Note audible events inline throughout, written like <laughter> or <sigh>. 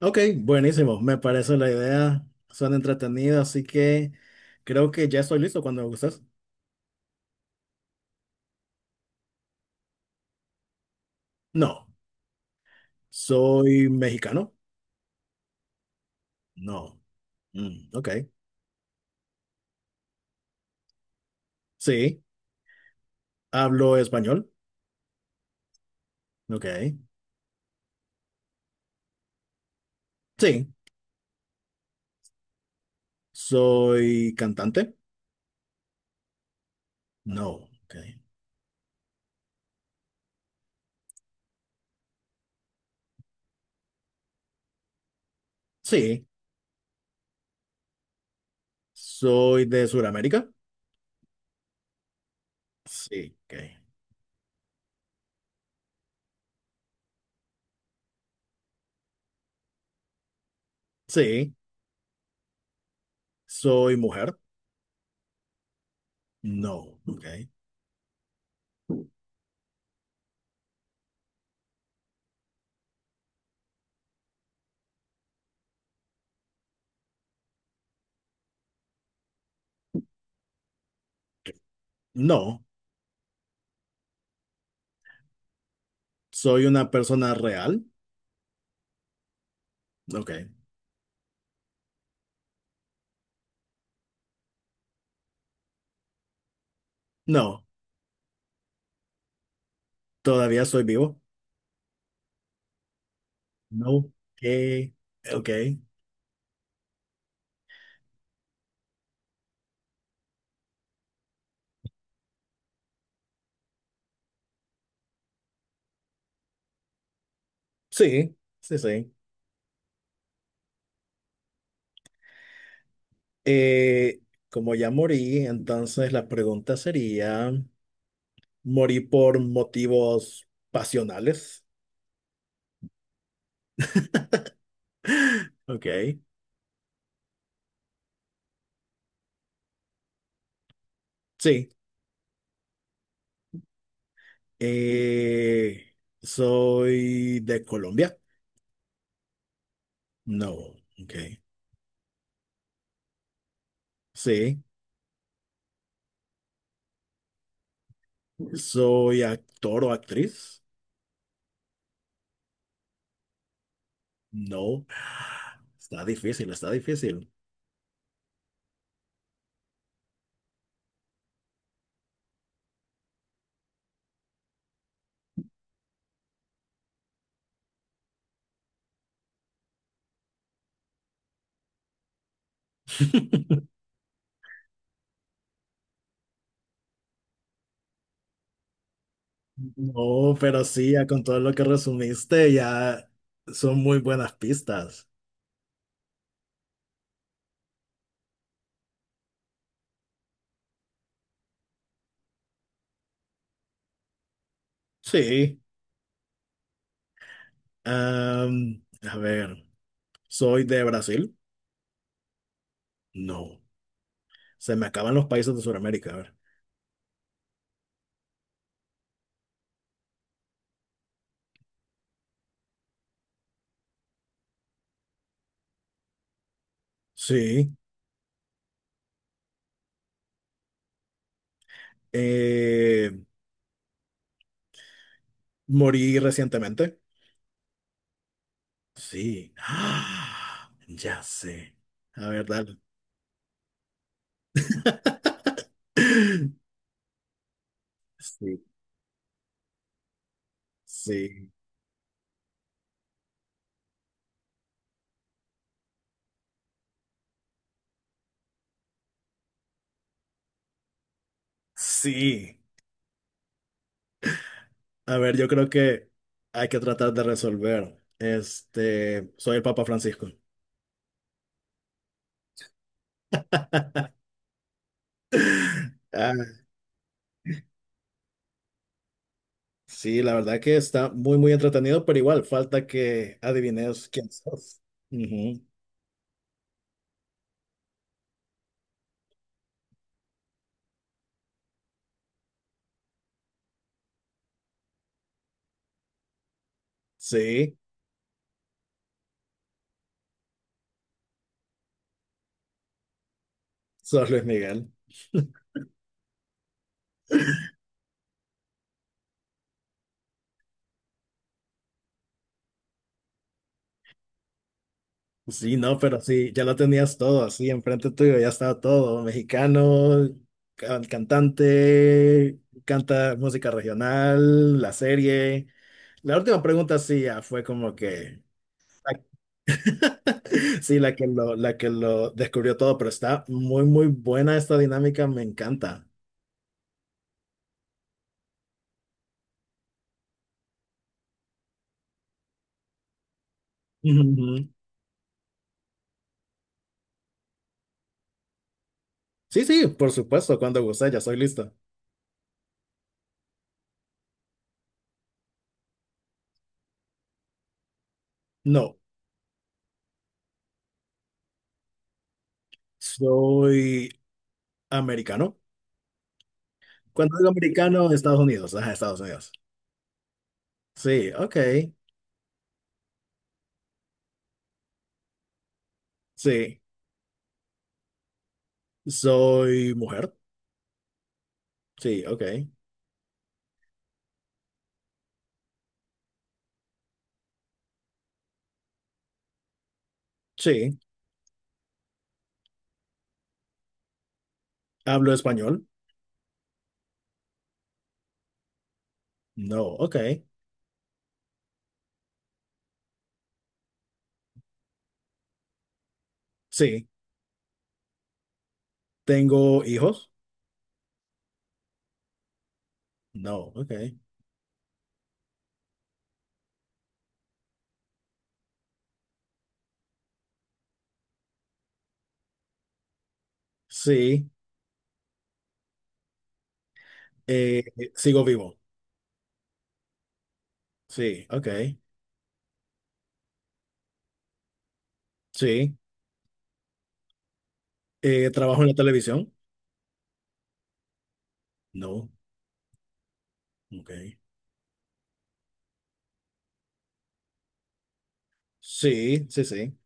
Ok, buenísimo, me parece la idea, suena entretenida, así que creo que ya estoy listo cuando gustes. No, soy mexicano, no, Mm, ok, sí, hablo español, ok, sí, soy cantante, no, ok, sí, soy de Sudamérica, sí, ok, sí, soy mujer, no, ok, no, soy una persona real, ok, no, todavía soy vivo. No. Que, ok. Sí, sí, sí. Eh, Como ya morí, entonces la pregunta sería, ¿morí por motivos pasionales? Ok. Sí. Eh, ¿Soy de Colombia? No. Ok. Sí. ¿Soy actor o actriz? No. Está difícil, está difícil. No, pero sí, ya con todo lo que resumiste, ya son muy buenas pistas. Sí, am, a ver, soy de Brasil. No, se me acaban los países de Sudamérica. A ver, sí, eh, morí recientemente. Sí, ¡ah! Ya sé. A ver, dale. <laughs> Sí, sí, sí. A ver, yo creo que hay que tratar de resolver. Este, soy el Papa Francisco. <laughs> Ah, sí, la verdad que está muy, muy entretenido, pero igual falta que adivines quién sos. Ujú. Sí, sos Luis Miguel. Sí, no, pero sí, ya lo tenías todo así enfrente tuyo, ya estaba todo, mexicano, cantante, canta música regional, la serie. La última pregunta sí ya fue como que... <laughs> Sí, la que lo descubrió todo, pero está muy, muy buena esta dinámica, me encanta. <laughs> Sí, sí, por supuesto, cuando guste, ya soy listo. No, soy americano. Cuando digo americano, Estados Unidos, ajá, Estados Unidos. Sí, ok, sí. Soy mujer, sí, ok, sí. Hablo español, no, ok, sí. Tengo hijos, no, ok, sí. Eh, Sigo vivo, sí, ok, sí. Trabajo en la televisión, no, ok, sí, sí, sí.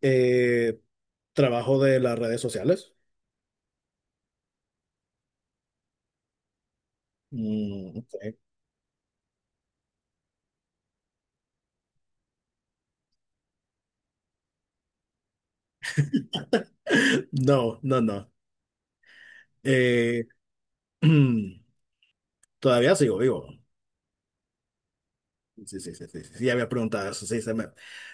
Eh, Trabajo de las redes sociales. Mm, sí. No, no, no. Eh, <clears throat> todavía sigo vivo. Sí, sí, sí, sí, sí, sí, ya había preguntado eso. Sí, se me,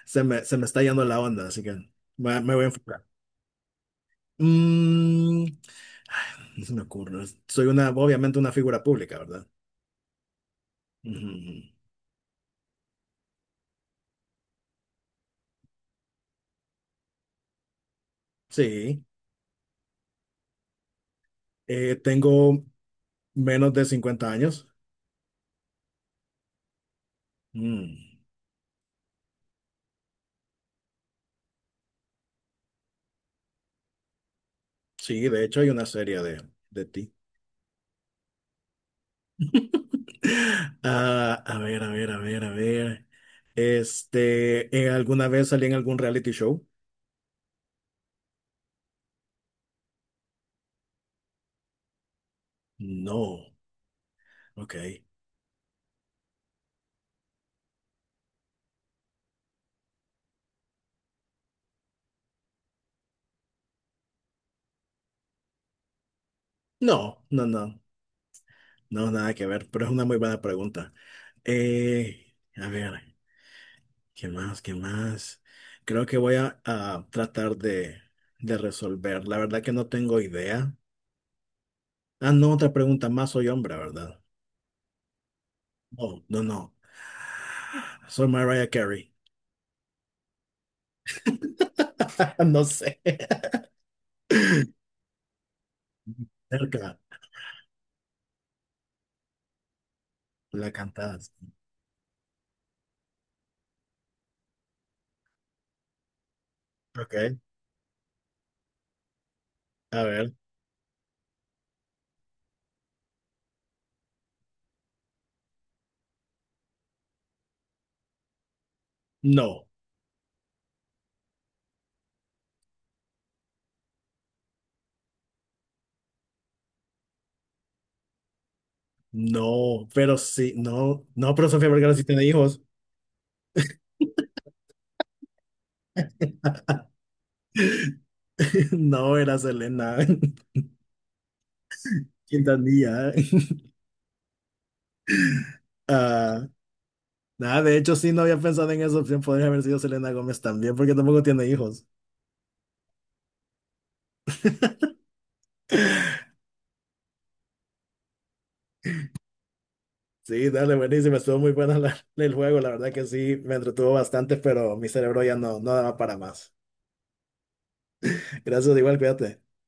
se me, se me está yendo la onda, así que me voy a enfocar. Mm, Ay, no se me ocurre. Soy una, obviamente una figura pública, ¿verdad? Ujú. Sí. Tengo menos de 50 años. Mm, sí, de hecho hay una serie de ti. <laughs> Ah, a ver, a ver, a ver, a ver. Este, ¿alguna vez salí en algún reality show? No, ok. No, no, no, no, nada que ver, pero es una muy buena pregunta. A ver, ¿qué más? ¿Qué más? Creo que voy a tratar de resolver. La verdad que no tengo idea. Ah, no, otra pregunta más. Soy hombre, ¿verdad? No, no, no. Soy Mariah Carey. <laughs> No sé. <laughs> Cerca. La cantabas. Ok, a ver. No, no, pero sí, no, no, pero Sofía Vergara sí tiene hijos. <laughs> No, era Selena <laughs> Quintanilla. <laughs> Ah, nada, de hecho sí no había pensado en esa opción, podría haber sido Selena Gómez también, porque tampoco tiene hijos. <laughs> Sí, dale, buenísimo, estuvo muy bueno el juego, la verdad que sí, me entretuvo bastante, pero mi cerebro ya no, no daba para más. Gracias, igual, cuídate.